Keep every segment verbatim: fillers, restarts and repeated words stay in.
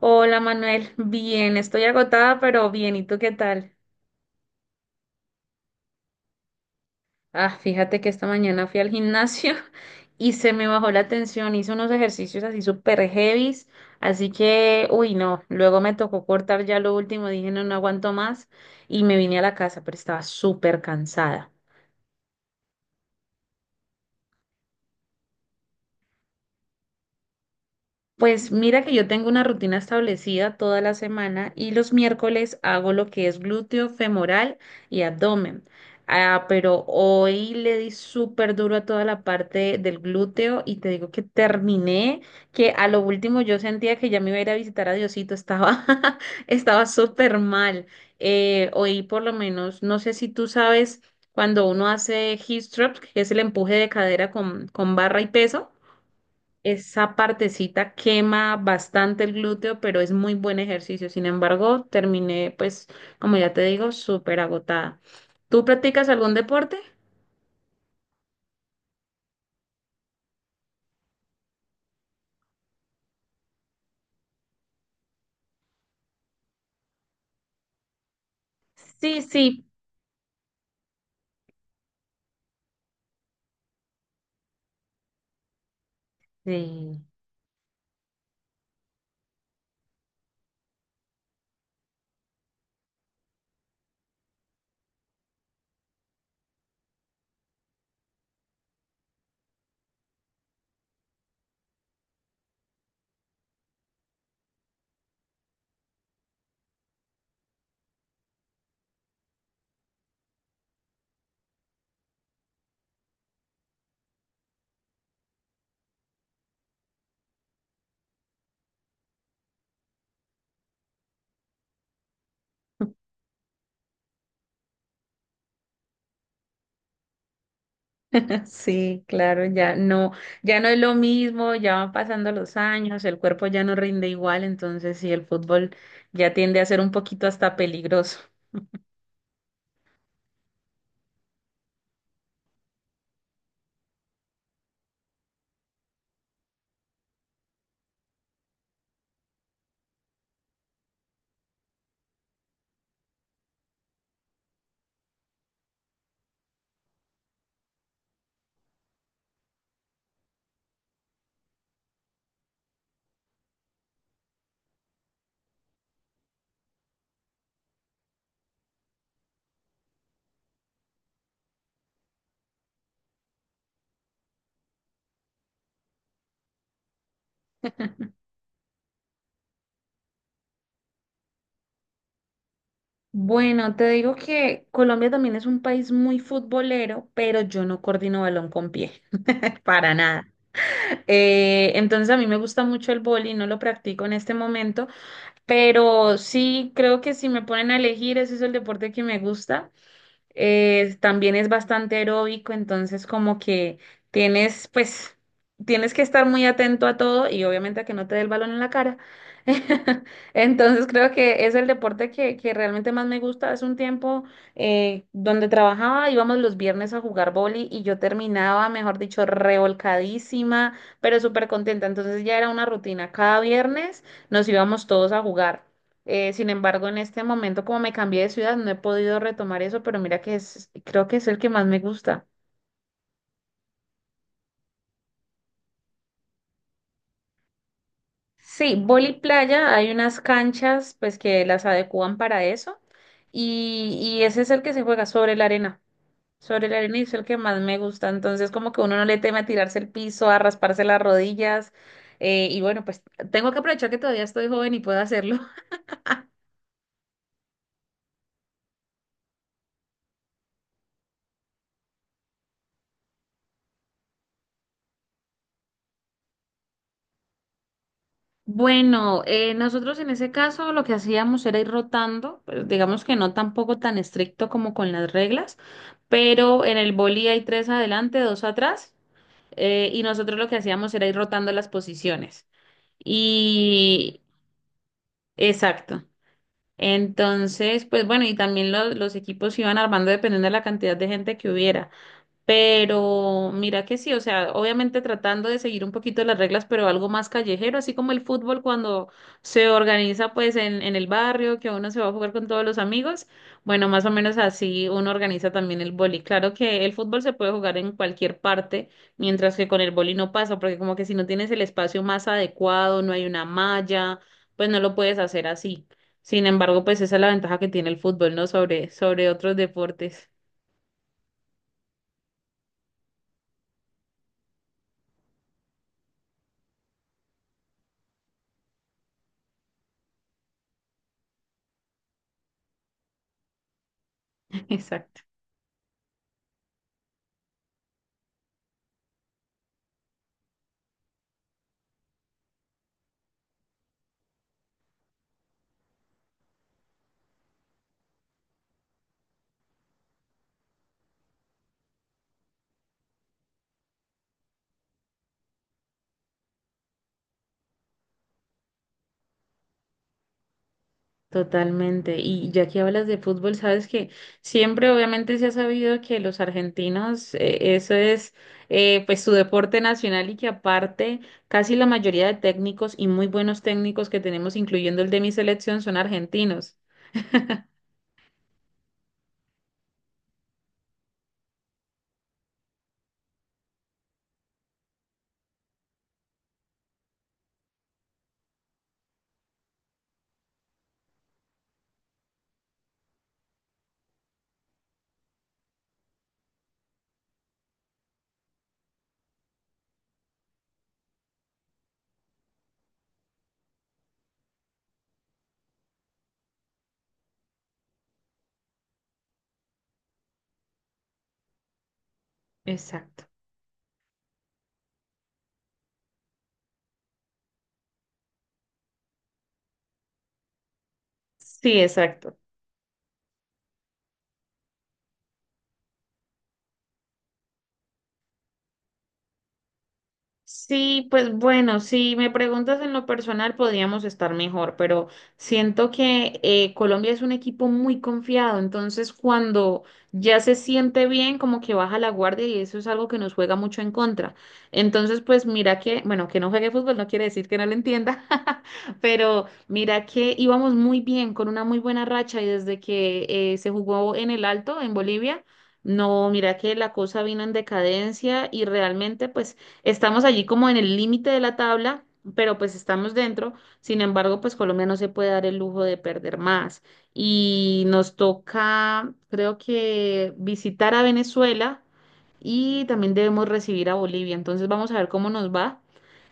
Hola Manuel, bien, estoy agotada, pero bien, ¿y tú qué tal? Ah, fíjate que esta mañana fui al gimnasio y se me bajó la tensión, hice unos ejercicios así súper heavies, así que, uy, no, luego me tocó cortar ya lo último, dije no, no aguanto más y me vine a la casa, pero estaba súper cansada. Pues mira que yo tengo una rutina establecida toda la semana y los miércoles hago lo que es glúteo, femoral y abdomen. Ah, pero hoy le di súper duro a toda la parte del glúteo y te digo que terminé, que a lo último yo sentía que ya me iba a ir a visitar a Diosito, estaba, estaba súper mal. Eh, hoy por lo menos, no sé si tú sabes, cuando uno hace hip thrust, que es el empuje de cadera con, con barra y peso. Esa partecita quema bastante el glúteo, pero es muy buen ejercicio. Sin embargo, terminé, pues, como ya te digo, súper agotada. ¿Tú practicas algún deporte? Sí, sí. Sí. Sí, claro, ya no, ya no es lo mismo, ya van pasando los años, el cuerpo ya no rinde igual, entonces sí, el fútbol ya tiende a ser un poquito hasta peligroso. Bueno, te digo que Colombia también es un país muy futbolero, pero yo no coordino balón con pie, para nada. Eh, entonces a mí me gusta mucho el boli, no lo practico en este momento, pero sí creo que si me ponen a elegir, ese es el deporte que me gusta eh, también es bastante aeróbico, entonces como que tienes, pues, tienes que estar muy atento a todo y obviamente a que no te dé el balón en la cara. Entonces creo que es el deporte que, que realmente más me gusta. Hace un tiempo eh, donde trabajaba íbamos los viernes a jugar boli y yo terminaba, mejor dicho, revolcadísima, pero súper contenta. Entonces ya era una rutina. Cada viernes nos íbamos todos a jugar. Eh, sin embargo, en este momento, como me cambié de ciudad, no he podido retomar eso, pero mira que es, creo que es el que más me gusta. Sí, vóley playa, hay unas canchas pues que las adecúan para eso y, y ese es el que se juega sobre la arena, sobre la arena y es el que más me gusta. Entonces, como que uno no le teme a tirarse el piso, a rasparse las rodillas eh, y bueno, pues tengo que aprovechar que todavía estoy joven y puedo hacerlo. Bueno, eh, nosotros en ese caso lo que hacíamos era ir rotando, pero digamos que no tampoco tan estricto como con las reglas, pero en el boli hay tres adelante, dos atrás, eh, y nosotros lo que hacíamos era ir rotando las posiciones. Y exacto. Entonces, pues bueno, y también lo- los equipos se iban armando dependiendo de la cantidad de gente que hubiera. Pero mira que sí, o sea, obviamente tratando de seguir un poquito las reglas, pero algo más callejero, así como el fútbol cuando se organiza pues en, en el barrio, que uno se va a jugar con todos los amigos, bueno, más o menos así uno organiza también el boli. Claro que el fútbol se puede jugar en cualquier parte, mientras que con el boli no pasa, porque como que si no tienes el espacio más adecuado, no hay una malla, pues no lo puedes hacer así. Sin embargo, pues esa es la ventaja que tiene el fútbol, ¿no? Sobre, sobre otros deportes. Exacto. Totalmente. Y ya que hablas de fútbol, sabes que siempre obviamente se ha sabido que los argentinos, eh, eso es eh, pues su deporte nacional y que aparte casi la mayoría de técnicos y muy buenos técnicos que tenemos, incluyendo el de mi selección, son argentinos. Exacto. Sí, exacto. Sí, pues bueno, si me preguntas en lo personal, podríamos estar mejor, pero siento que eh, Colombia es un equipo muy confiado, entonces cuando ya se siente bien, como que baja la guardia y eso es algo que nos juega mucho en contra. Entonces, pues mira que, bueno, que no juegue fútbol no quiere decir que no lo entienda, pero mira que íbamos muy bien, con una muy buena racha y desde que eh, se jugó en el Alto, en Bolivia. No, mira que la cosa vino en decadencia y realmente pues estamos allí como en el límite de la tabla, pero pues estamos dentro. Sin embargo, pues Colombia no se puede dar el lujo de perder más. Y nos toca, creo que, visitar a Venezuela y también debemos recibir a Bolivia. Entonces vamos a ver cómo nos va.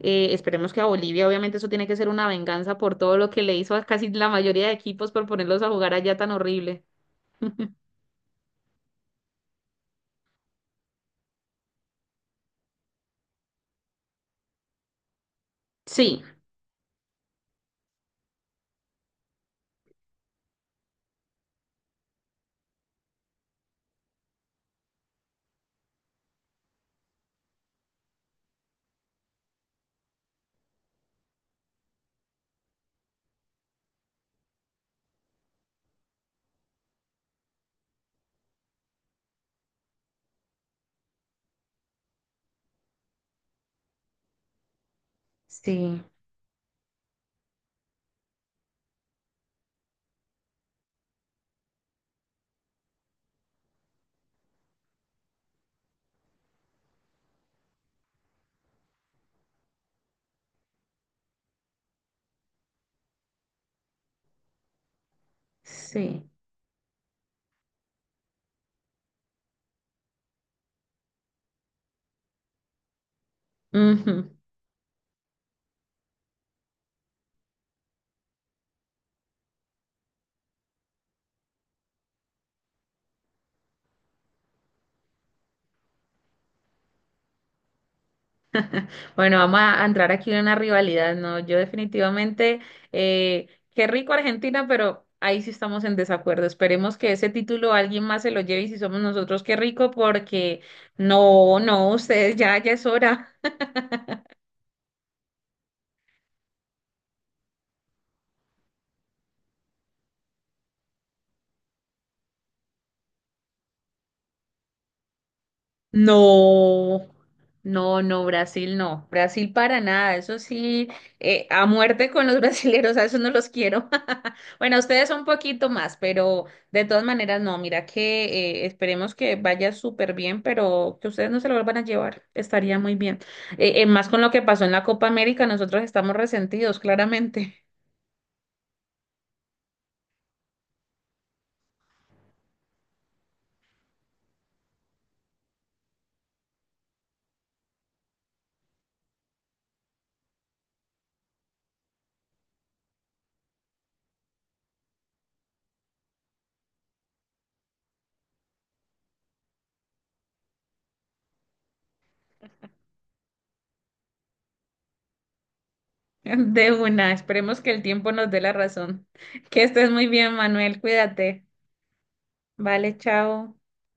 Eh, esperemos que a Bolivia, obviamente eso tiene que ser una venganza por todo lo que le hizo a casi la mayoría de equipos por ponerlos a jugar allá tan horrible. Sí, sí, sí. Ujú. Bueno, vamos a a entrar aquí en una rivalidad, ¿no? Yo definitivamente, eh, qué rico Argentina, pero ahí sí estamos en desacuerdo. Esperemos que ese título alguien más se lo lleve y si somos nosotros, qué rico, porque no, no, ustedes ya, ya es hora. No, no, no, Brasil no, Brasil para nada, eso sí, eh, a muerte con los brasileros, a eso no los quiero. Bueno, ustedes un poquito más, pero de todas maneras no, mira que eh, esperemos que vaya súper bien, pero que ustedes no se lo vuelvan a llevar, estaría muy bien. Eh, eh, más con lo que pasó en la Copa América, nosotros estamos resentidos, claramente, de una, esperemos que el tiempo nos dé la razón. Que estés muy bien, Manuel, cuídate. Vale, chao.